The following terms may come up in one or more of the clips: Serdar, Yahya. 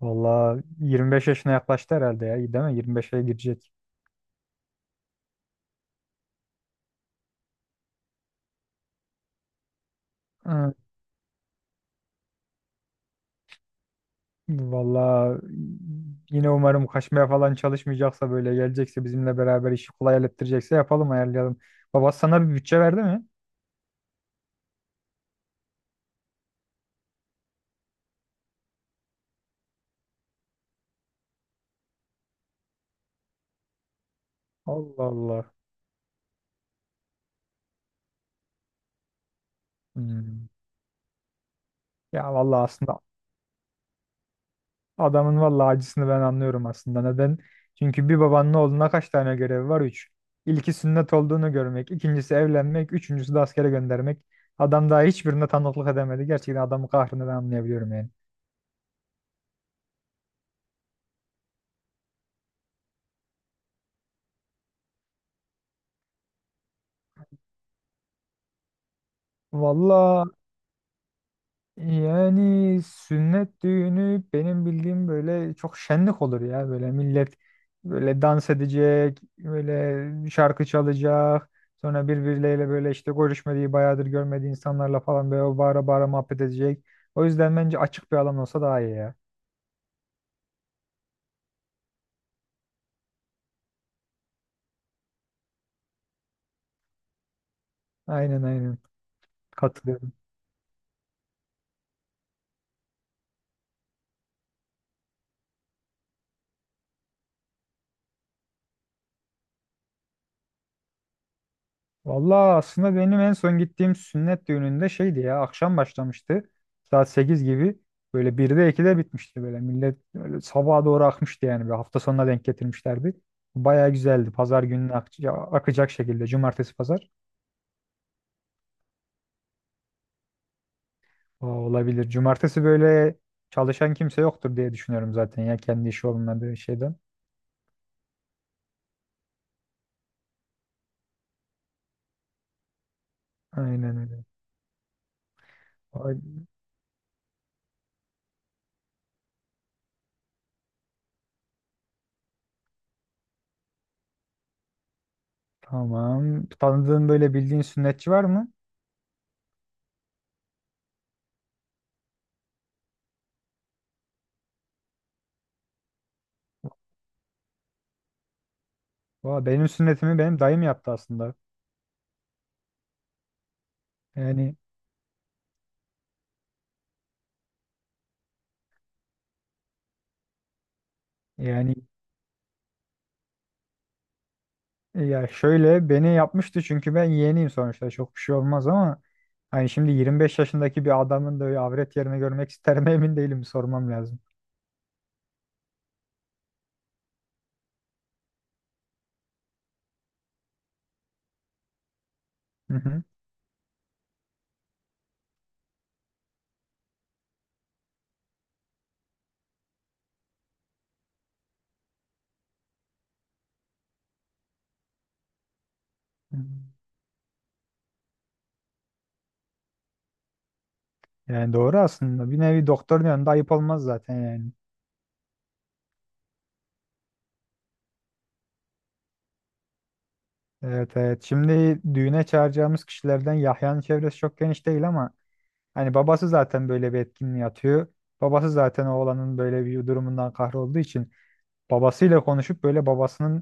Valla 25 yaşına yaklaştı herhalde ya. Değil mi? 25'e girecek. Hı. Valla yine umarım kaçmaya falan çalışmayacaksa böyle gelecekse bizimle beraber işi kolay hallettirecekse yapalım ayarlayalım. Baba sana bir bütçe verdi mi? Allah Allah. Hmm. Ya valla aslında adamın valla acısını ben anlıyorum aslında. Neden? Çünkü bir babanın oğluna kaç tane görevi var? Üç. İlki sünnet olduğunu görmek, ikincisi evlenmek, üçüncüsü de askere göndermek. Adam daha hiçbirine tanıklık edemedi. Gerçekten adamın kahrını ben anlayabiliyorum yani. Valla yani sünnet düğünü benim bildiğim böyle çok şenlik olur ya. Böyle millet böyle dans edecek, böyle şarkı çalacak. Sonra birbirleriyle böyle işte görüşmediği, bayağıdır görmediği insanlarla falan böyle bağıra bağıra muhabbet edecek. O yüzden bence açık bir alan olsa daha iyi ya. Aynen aynen. Katılıyorum. Vallahi aslında benim en son gittiğim sünnet düğününde şeydi ya, akşam başlamıştı. Saat 8 gibi böyle 1'de 2'de bitmişti böyle. Millet böyle sabaha doğru akmıştı yani. Bir hafta sonuna denk getirmişlerdi. Baya güzeldi. Pazar gününe ak- ya- akacak şekilde. Cumartesi pazar. Aa, olabilir. Cumartesi böyle çalışan kimse yoktur diye düşünüyorum zaten ya, kendi işi olmadığı şeyden. Aynen öyle. Ay, tamam. Tanıdığın böyle bildiğin sünnetçi var mı? Valla benim sünnetimi benim dayım yaptı aslında. Yani yani ya şöyle beni yapmıştı çünkü ben yeğeniyim sonuçta çok bir şey olmaz ama hani şimdi 25 yaşındaki bir adamın da öyle avret yerini görmek ister mi emin değilim, sormam lazım. Hı hı. Hı. Yani doğru aslında, bir nevi doktorun yanında ayıp olmaz zaten yani. Evet evet, şimdi düğüne çağıracağımız kişilerden Yahya'nın çevresi çok geniş değil ama hani babası zaten böyle bir etkinliğe atıyor. Babası zaten oğlanın böyle bir durumundan kahrolduğu için babasıyla konuşup böyle babasının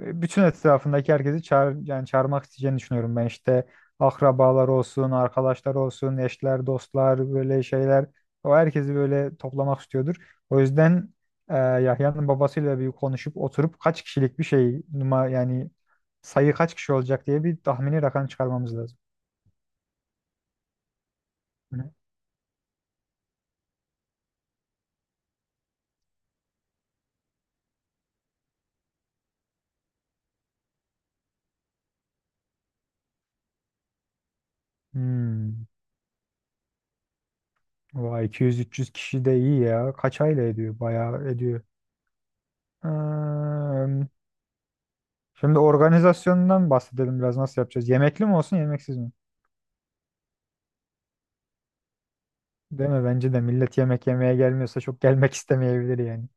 bütün etrafındaki herkesi çağır, yani çağırmak isteyeceğini düşünüyorum ben, işte akrabalar olsun, arkadaşlar olsun, eşler, dostlar, böyle şeyler, o herkesi böyle toplamak istiyordur. O yüzden Yahya'nın babasıyla bir konuşup oturup kaç kişilik bir şey numa yani sayı kaç kişi olacak diye bir tahmini rakam çıkarmamız lazım. Hı. Hmm. Vay 200-300 kişi de iyi ya. Kaç aile ediyor? Bayağı ediyor. Şimdi organizasyondan bahsedelim biraz, nasıl yapacağız? Yemekli mi olsun yemeksiz mi? Değil mi? Bence de millet yemek yemeye gelmiyorsa çok gelmek istemeyebilir yani.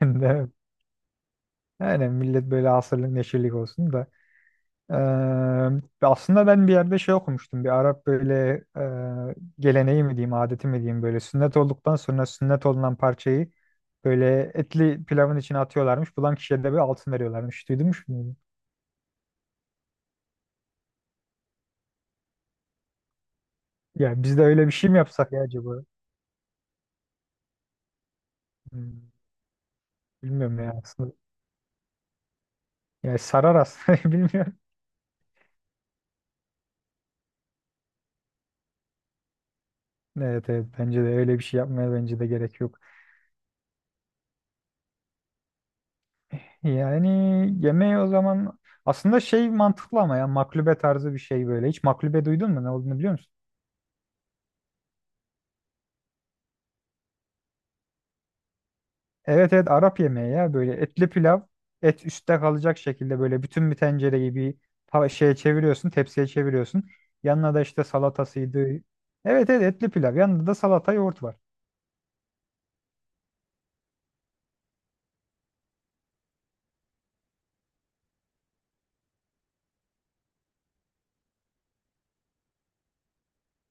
Değil mi? Yani millet böyle asırlık neşirlik olsun da. Ee, aslında ben bir yerde şey okumuştum. Bir Arap böyle geleneği mi diyeyim, adeti mi diyeyim, böyle sünnet olduktan sonra sünnet olunan parçayı böyle etli pilavın içine atıyorlarmış. Bulan kişiye de bir altın veriyorlarmış. Duydun mu bunu? Ya biz de öyle bir şey mi yapsak ya acaba? Hmm, bilmiyorum ya aslında. Yani sarar aslında, bilmiyorum. Evet evet, bence de öyle bir şey yapmaya bence de gerek yok. Yani yemeği o zaman aslında şey mantıklı ama ya, maklube tarzı bir şey böyle. Hiç maklube duydun mu, ne olduğunu biliyor musun? Evet evet, Arap yemeği ya, böyle etli pilav, et üstte kalacak şekilde böyle bütün bir tencereyi bir tava- şeye çeviriyorsun, tepsiye çeviriyorsun. Yanına da işte salatasıydı. Evet evet, etli pilav, yanında da salata yoğurt var.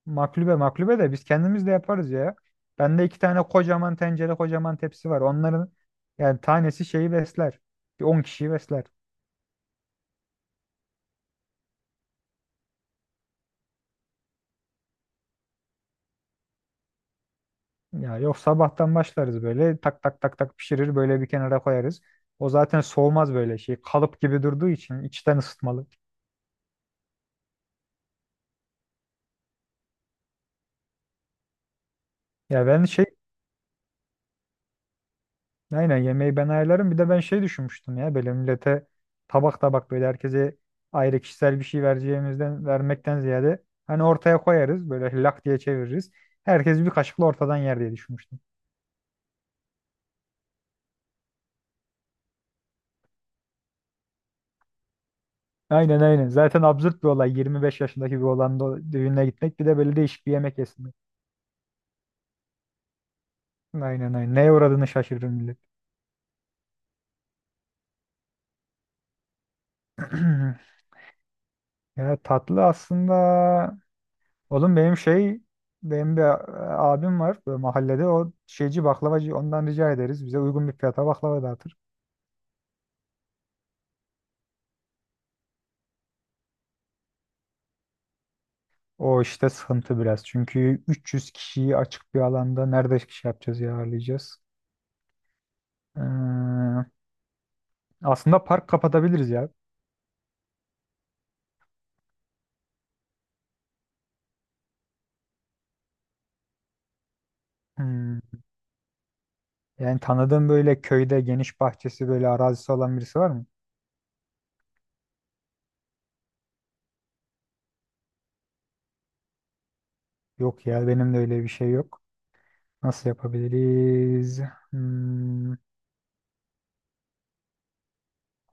Maklube, maklube de biz kendimiz de yaparız ya. Bende iki tane kocaman tencere, kocaman tepsi var. Onların yani tanesi şeyi besler. Bir 10 kişiyi besler. Ya yok, sabahtan başlarız böyle tak tak tak tak pişirir böyle bir kenara koyarız. O zaten soğumaz, böyle şey kalıp gibi durduğu için içten ısıtmalı. Ya ben şey, aynen yemeği ben ayarlarım. Bir de ben şey düşünmüştüm ya, böyle millete tabak tabak böyle herkese ayrı kişisel bir şey vereceğimizden vermekten ziyade hani ortaya koyarız böyle lak diye çeviririz. Herkes bir kaşıkla ortadan yer diye düşünmüştüm. Aynen aynen. Zaten absürt bir olay. Yirmi beş yaşındaki bir olan da düğüne gitmek, bir de böyle değişik bir yemek yesin. Aynen aynen. Neye uğradığını şaşırır millet. Ya tatlı aslında, oğlum benim şey, benim bir a- abim var böyle mahallede, o şeyci baklavacı, ondan rica ederiz. Bize uygun bir fiyata baklava dağıtır. O işte sıkıntı biraz. Çünkü 300 kişiyi açık bir alanda nerede şey yapacağız ya, ağırlayacağız. Ee, aslında park kapatabiliriz ya. Hmm. Yani tanıdığım böyle köyde geniş bahçesi, böyle arazisi olan birisi var mı? Yok ya, benim de öyle bir şey yok. Nasıl yapabiliriz? Hmm.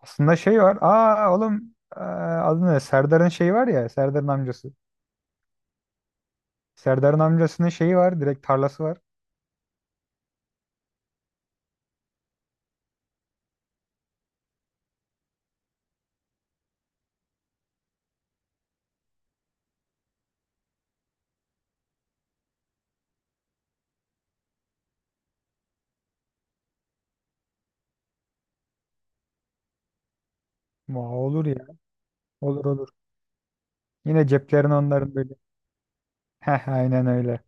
Aslında şey var. Aa oğlum adı ne? Serdar'ın şeyi var ya. Serdar'ın amcası. Serdar'ın amcasının şeyi var. Direkt tarlası var. Muha olur ya. Olur olur. Yine ceplerini onların böyle. Heh aynen öyle.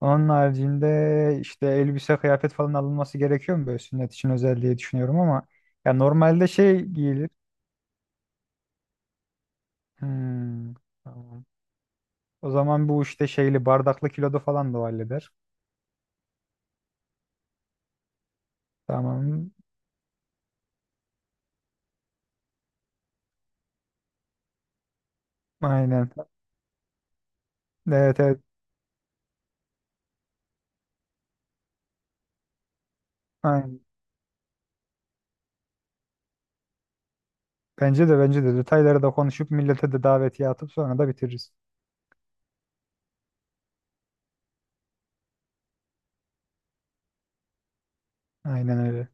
Onun haricinde işte elbise kıyafet falan alınması gerekiyor mu böyle sünnet için özel diye düşünüyorum ama ya normalde şey giyilir. Hmm, tamam. O zaman bu işte şeyli bardaklı kilodu falan da o halleder. Tamam. Aynen. Evet evet. Aynen. Bence de bence de detayları da konuşup millete de davetiye atıp sonra da bitiririz. Aynen öyle.